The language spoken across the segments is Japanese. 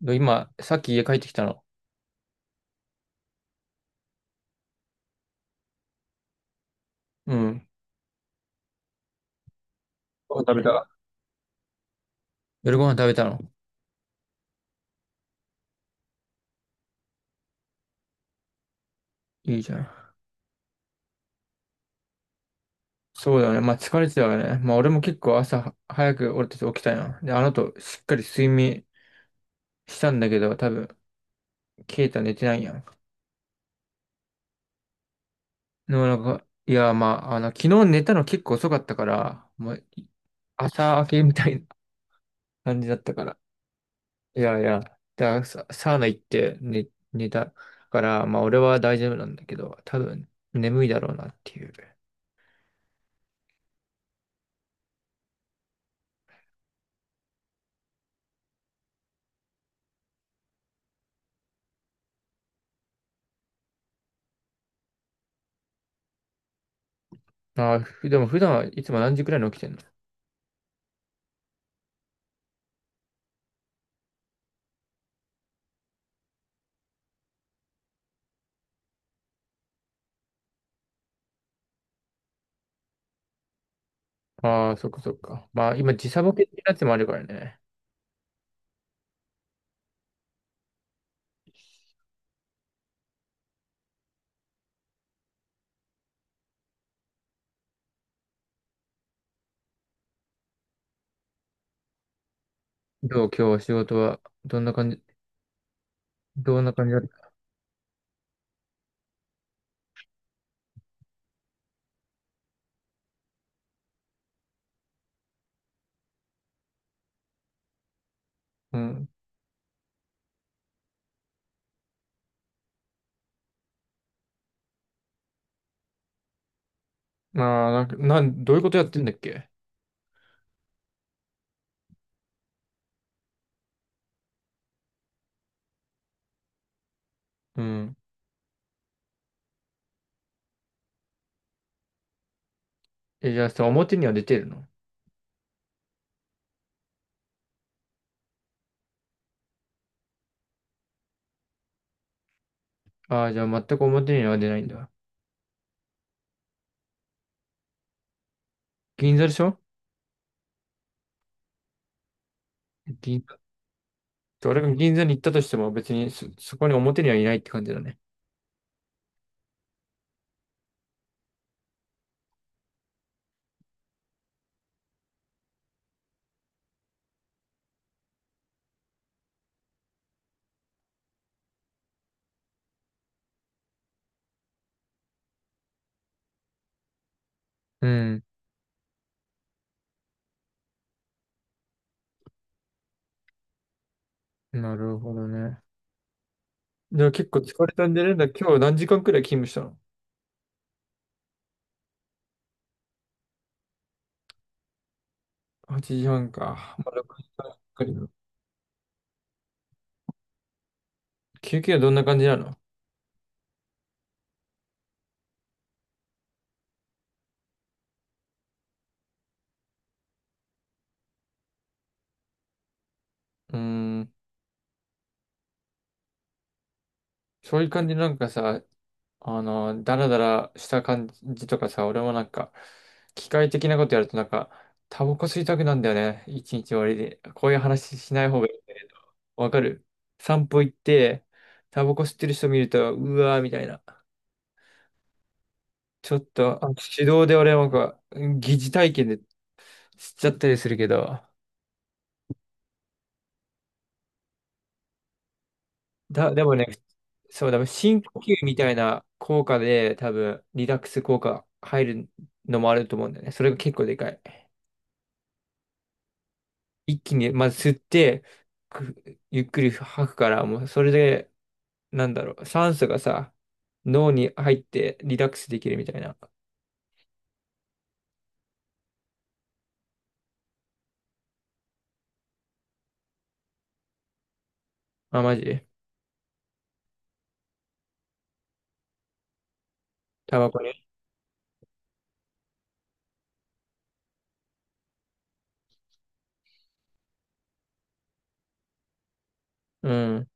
で今、さっき家帰ってきたの。うん。ご飯食べた夜ご飯食べたの。いいじゃん。そうだよね。まあ疲れてたよね。まあ俺も結構朝早く俺たち起きたやん。で、あの後しっかり睡眠したんだけど、多分、ケイタ寝てないやん。でもなんか、いや、まあ、昨日寝たの結構遅かったから、もう朝明けみたいな感じだったから。いやいや、だサウナ行って寝たから、まあ俺は大丈夫なんだけど、多分眠いだろうなっていう。ああ、でも普段はいつも何時くらいに起きてんの？ああ、そっかそっか。まあ今時差ボケってやつもあるからね。どう今日は仕事はどんな感じ、どんな感じだった？うん。ああ、なんか、どういうことやってんだっけ？うん。え、じゃあさ、表には出てるの？ああ、じゃあ全く表には出ないんだ。銀座でしょ？銀座。俺が銀座に行ったとしても別にそこに表にはいないって感じだね。うん。なるほどね。じゃあ結構疲れたんじゃねえんだ。今日何時間くらい勤務したの？ 8 時半か。まあ、6時間くらい。休憩はどんな感じなの？うーん、そういう感じなんかさ、ダラダラした感じとかさ、俺もなんか、機械的なことやるとなんか、タバコ吸いたくなんだよね。一日終わりで。こういう話しない方がいい。わかる？散歩行って、タバコ吸ってる人見ると、うわーみたいな。ちょっと、手動で俺なんか、疑似体験で吸っちゃったりするけど、でもね、そう、深呼吸みたいな効果で、多分、リラックス効果入るのもあると思うんだよね。それが結構でかい。一気に、まず吸って、くゆっくり吐くから、もう、それで、なんだろう、酸素がさ、脳に入ってリラックスできるみたいな。あ、マジ？タバコね。うん。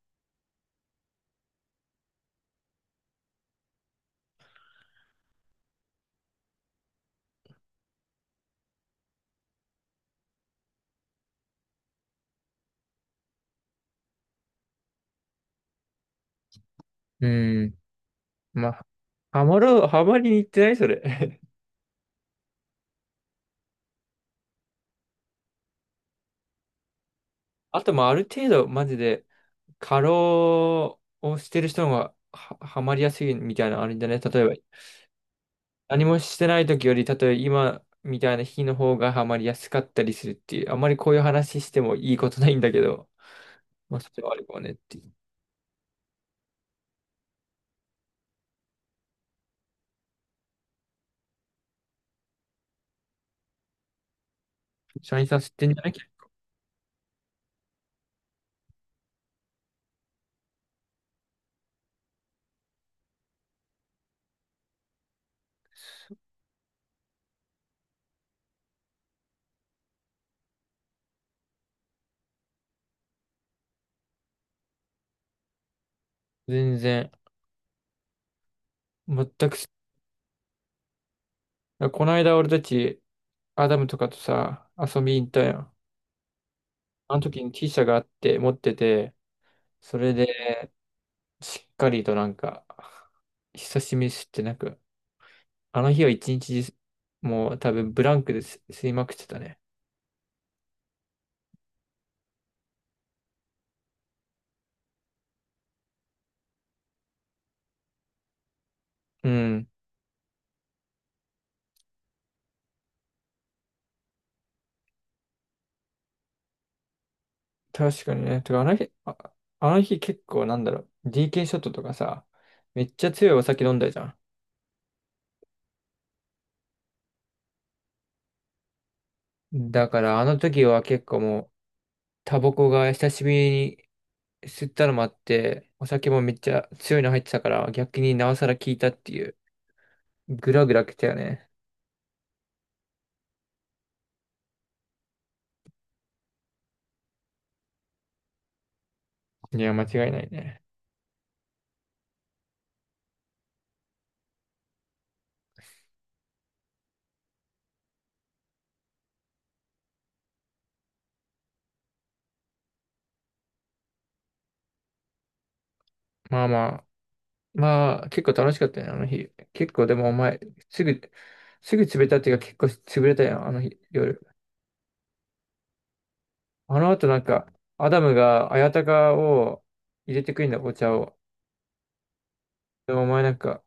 うん。まあ、ハマりに行ってないそれ。あと、まあ、ある程度、マジで、過労をしてる人の方がは、ハマりやすいみたいなのあるんじゃない？例えば、何もしてない時より、例えば今みたいな日の方がハマりやすかったりするっていう、あんまりこういう話してもいいことないんだけど、まあ、それはあるかもねっていう。社員さん知ってんじゃない？全然、全く知、この間俺たち、アダムとかとさ、遊びに行ったやん。あの時に T 社があって、持ってて、それで、しっかりとなんか、久しぶりに吸ってなく、あの日は一日中、もう多分ブランクです、吸いまくってたね。うん。確かにね。てか、あの日、あ、あの日結構なんだろう、DK ショットとかさ、めっちゃ強いお酒飲んだじゃん。だから、あの時は結構もう、タバコが久しぶりに吸ったのもあって、お酒もめっちゃ強いの入ってたから、逆になおさら効いたっていう、グラグラ来たよね。いや、間違いないね。まあまあ、まあ、結構楽しかったね、あの日。結構でもお前、すぐ、すぐ潰れたっていうか結構潰れたよ、あの日、夜。あの後なんか、アダムが綾鷹を入れてくるんだ、お茶を。でもお前なんか、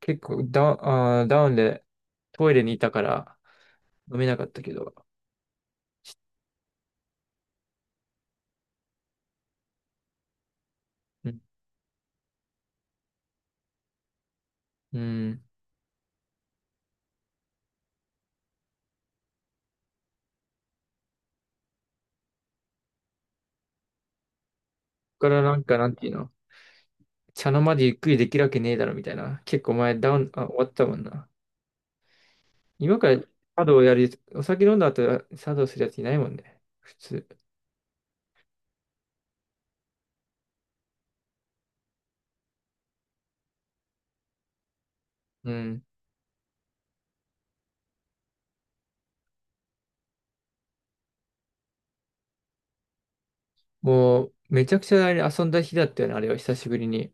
結構ダウンでトイレにいたから飲めなかったけど。うん。うん。ここからなんか、なんていうの？茶の間でゆっくりできるわけねえだろみたいな。結構お前ダウン、終わったもんな。今から茶道やる？お酒飲んだ後茶道するやついないもんね。普通。うん。もう、めちゃくちゃあれ遊んだ日だったよね、あれは久しぶりに。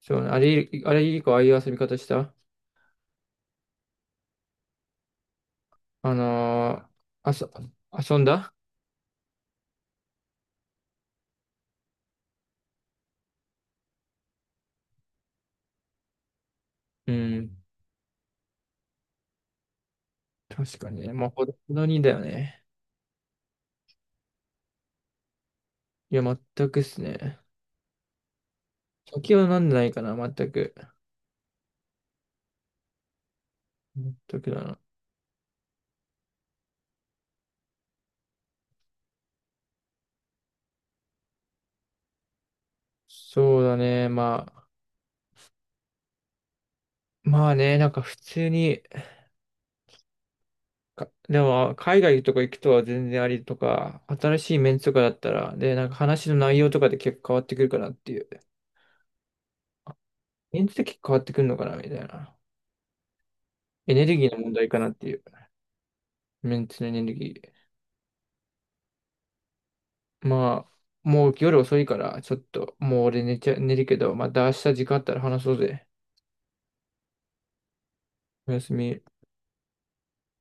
そう、あれ以降ああいう遊び方した？あのーあそ、遊んだ？うん。確かにね。まあ、ほどほどにだよね。いや、全くっすね。酒は飲んでないかな、全く。全くだな。そうだね。まあね、なんか普通に、でも、海外とか行くとは全然ありとか、新しいメンツとかだったら、で、なんか話の内容とかで結構変わってくるかなっていう。メンツで結構変わってくるのかな、みたいな。エネルギーの問題かなっていう。メンツのエネルギー。まあ、もう夜遅いから、ちょっと、もう俺寝ちゃ、寝るけど、また明日時間あったら話そうぜ。おやすみ。